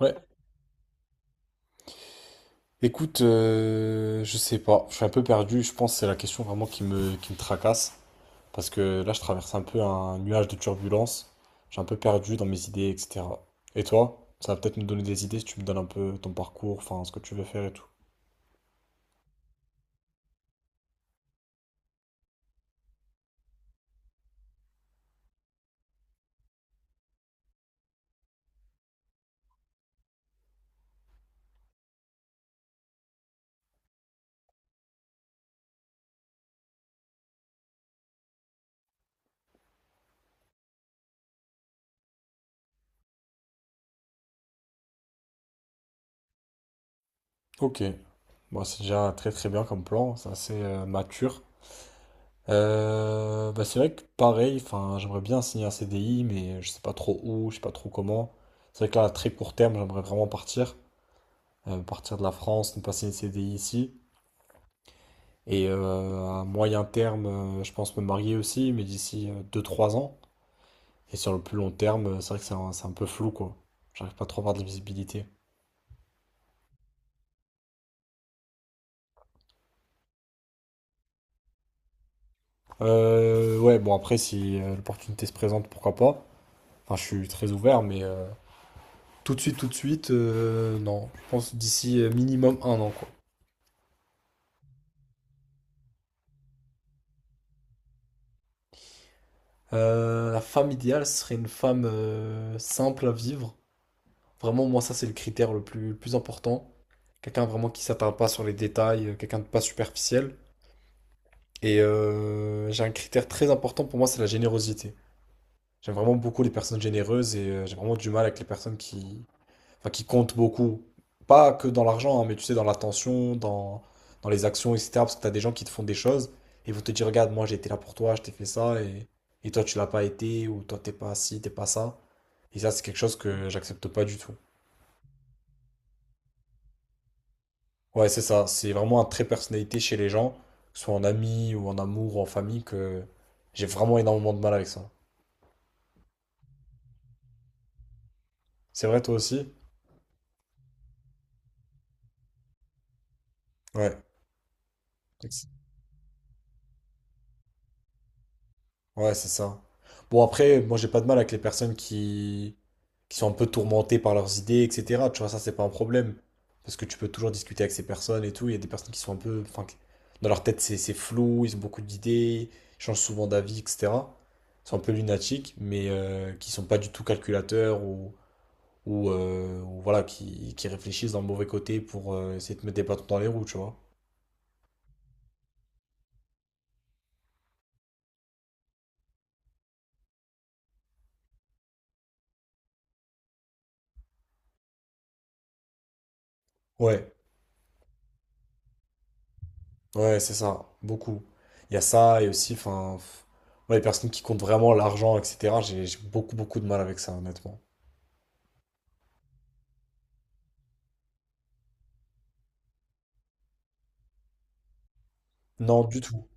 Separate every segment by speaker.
Speaker 1: Ouais. Écoute, je sais pas, je suis un peu perdu. Je pense que c'est la question vraiment qui me tracasse, parce que là je traverse un peu un nuage de turbulence, je suis un peu perdu dans mes idées, etc. Et toi, ça va peut-être me donner des idées si tu me donnes un peu ton parcours, enfin ce que tu veux faire et tout. Ok, bon c'est déjà très très bien comme plan, c'est assez mature. Bah, c'est vrai que pareil, enfin j'aimerais bien signer un CDI, mais je sais pas trop où, je sais pas trop comment. C'est vrai que là à très court terme, j'aimerais vraiment partir. Partir de la France, me passer une CDI ici. Et à moyen terme, je pense me marier aussi, mais d'ici 2 ou 3 ans. Et sur le plus long terme, c'est vrai que c'est un peu flou, quoi. J'arrive pas trop à avoir de la visibilité. Ouais, bon, après, si l'opportunité se présente, pourquoi pas. Enfin, je suis très ouvert, mais tout de suite, non. Je pense d'ici minimum 1 an, quoi. La femme idéale serait une femme simple à vivre. Vraiment, moi, ça, c'est le critère le plus important. Quelqu'un vraiment qui s'attarde pas sur les détails, quelqu'un de pas superficiel. Et j'ai un critère très important pour moi, c'est la générosité. J'aime vraiment beaucoup les personnes généreuses et j'ai vraiment du mal avec les personnes qui, enfin, qui comptent beaucoup. Pas que dans l'argent, hein, mais tu sais, dans l'attention, dans, dans les actions, etc. Parce que tu as des gens qui te font des choses et ils vont te dire, regarde, moi j'ai été là pour toi, je t'ai fait ça et toi tu l'as pas été ou toi t'es pas ci, t'es pas ça. Et ça, c'est quelque chose que j'accepte pas du tout. Ouais, c'est ça. C'est vraiment un trait de personnalité chez les gens, que ce soit en ami ou en amour ou en famille, que j'ai vraiment énormément de mal avec ça. C'est vrai, toi aussi? Ouais. Ex- Ouais, c'est ça. Bon, après, moi, j'ai pas de mal avec les personnes qui sont un peu tourmentées par leurs idées, etc. Tu vois, ça, c'est pas un problème. Parce que tu peux toujours discuter avec ces personnes et tout. Il y a des personnes qui sont un peu. Enfin, qui- dans leur tête, c'est flou, ils ont beaucoup d'idées, ils changent souvent d'avis, etc. Ils sont un peu lunatiques, mais qui sont pas du tout calculateurs ou voilà, qui réfléchissent d'un mauvais côté pour essayer de te mettre des bâtons dans les roues, tu vois. Ouais, ouais, c'est ça, beaucoup. Il y a ça, et aussi, enfin, pff, moi, les personnes qui comptent vraiment l'argent, etc., j'ai beaucoup, beaucoup de mal avec ça, honnêtement. Non, du tout.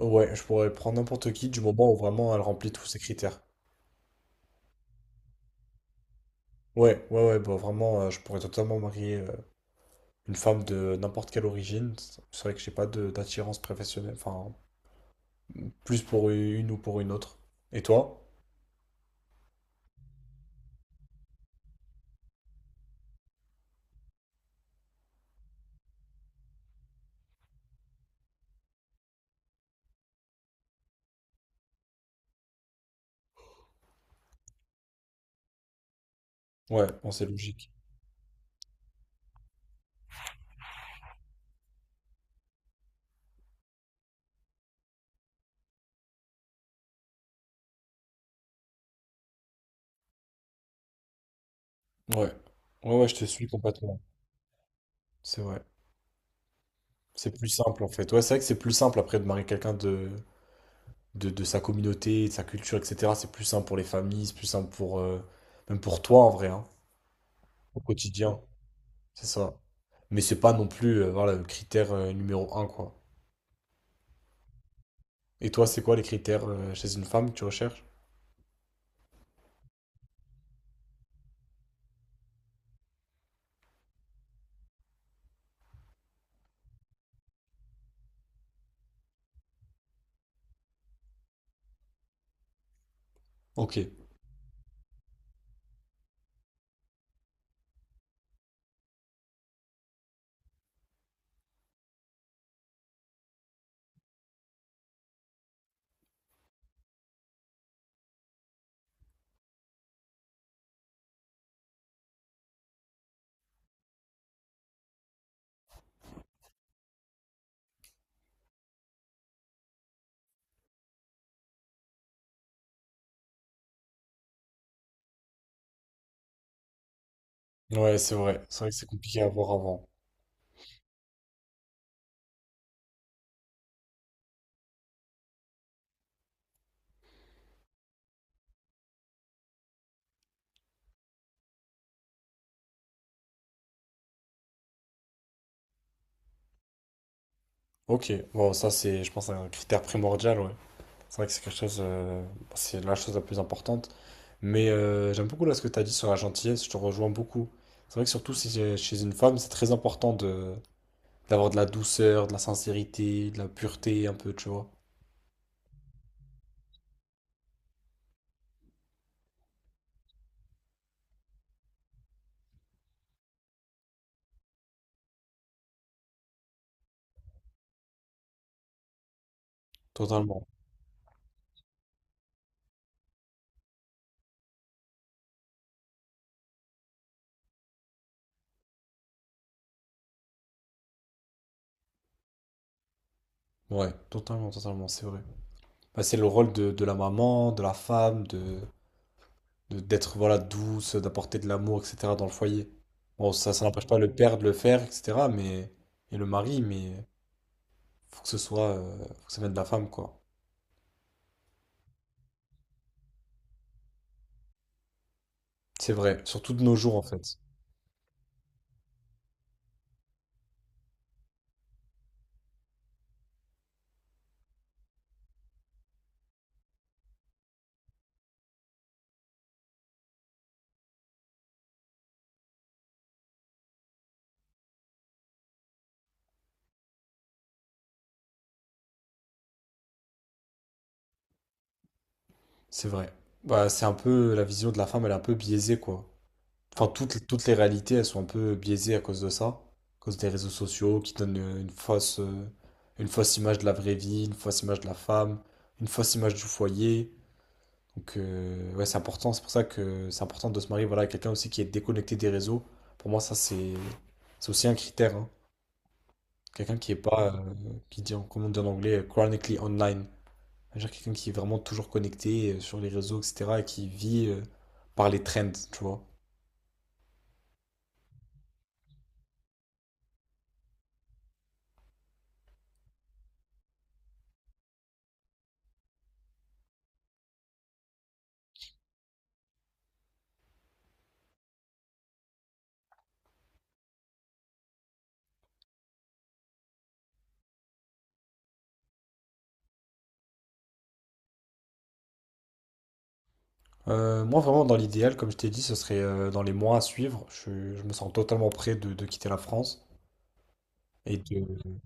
Speaker 1: Ouais, je pourrais prendre n'importe qui du moment où vraiment elle remplit tous ses critères. Ouais, ouais, ouais, bah vraiment, je pourrais totalement marier une femme de n'importe quelle origine. C'est vrai que j'ai pas de- d'attirance professionnelle, enfin, plus pour une ou pour une autre. Et toi? Ouais, bon, c'est logique. Ouais. Ouais, ouais, je te suis complètement. C'est vrai. C'est plus simple en fait. Ouais, c'est vrai que c'est plus simple après de marier quelqu'un de sa communauté, de sa culture, etc. C'est plus simple pour les familles, c'est plus simple pour même pour toi en vrai, hein, au quotidien. C'est ça. Mais c'est pas non plus voilà, le critère numéro un, quoi. Et toi, c'est quoi les critères chez une femme que tu recherches? Ok. Ouais, c'est vrai. C'est vrai que c'est compliqué à voir avant. Ok. Bon, ça c'est, je pense, un critère primordial, ouais. C'est vrai que c'est quelque chose, c'est la chose la plus importante. Mais j'aime beaucoup là ce que tu as dit sur la gentillesse, je te rejoins beaucoup. C'est vrai que surtout si j'ai- chez une femme, c'est très important de d'avoir de la douceur, de la sincérité, de la pureté un peu, tu vois. Totalement. Ouais, totalement, totalement, c'est vrai. Bah, c'est le rôle de la maman, de la femme, d'être voilà douce, d'apporter de l'amour, etc. dans le foyer. Bon, ça n'empêche pas le père de le faire, etc. Mais et le mari, mais faut que ce soit, faut que ça vienne de la femme, quoi. C'est vrai, surtout de nos jours en fait. C'est vrai. Bah, c'est un peu la vision de la femme, elle est un peu biaisée quoi. Enfin, toutes, toutes les réalités, elles sont un peu biaisées à cause de ça, à cause des réseaux sociaux qui donnent une fausse image de la vraie vie, une fausse image de la femme, une fausse image du foyer. Donc ouais, c'est important. C'est pour ça que c'est important de se marier voilà, à quelqu'un aussi qui est déconnecté des réseaux. Pour moi, ça c'est aussi un critère, hein. Quelqu'un qui est pas qui dit comment on dit en anglais chronically online. C'est-à-dire quelqu'un qui est vraiment toujours connecté sur les réseaux, etc., et qui vit par les trends, tu vois. Moi, vraiment, dans l'idéal, comme je t'ai dit, ce serait dans les mois à suivre. Je me sens totalement prêt de quitter la France. Et de...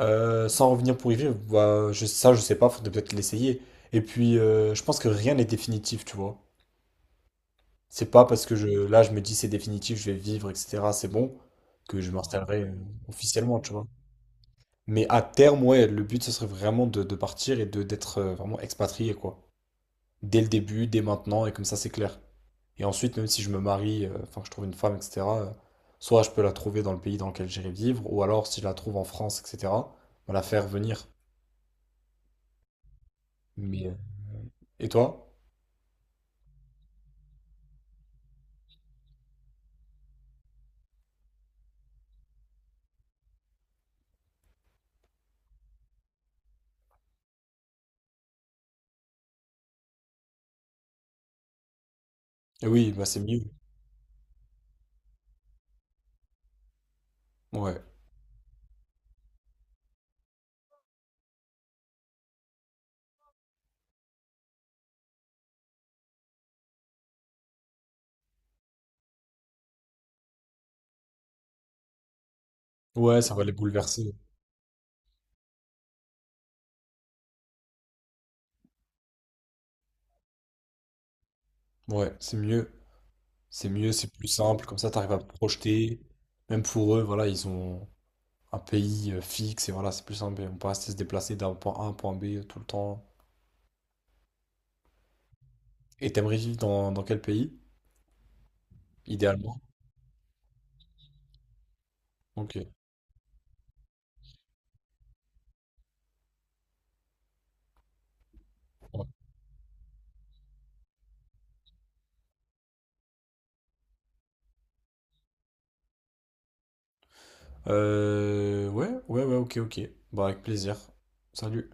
Speaker 1: Sans revenir pour y vivre, bah, je, ça, je sais pas, faudrait peut-être l'essayer. Et puis, je pense que rien n'est définitif, tu vois. C'est pas parce que je, là, je me dis c'est définitif, je vais vivre, etc., c'est bon, que je m'installerai officiellement, tu vois. Mais à terme, ouais, le but, ce serait vraiment de partir et de d'être vraiment expatrié, quoi. Dès le début, dès maintenant, et comme ça, c'est clair. Et ensuite, même si je me marie, enfin, que je trouve une femme, etc., soit je peux la trouver dans le pays dans lequel j'irai vivre, ou alors, si je la trouve en France, etc., bah, la faire venir. Mais... et toi? Eh oui, bah, c'est mieux. Ouais. Ouais, ça va les bouleverser. Ouais, c'est mieux. C'est mieux, c'est plus simple, comme ça, t'arrives à te projeter. Même pour eux, voilà, ils ont... un pays fixe et voilà, c'est plus simple. On peut rester se déplacer d'un point A à un point B tout le temps. Et t'aimerais vivre dans, dans quel pays, idéalement? Ok. Ouais. Ouais, ok, ok. Bah, avec plaisir. Salut.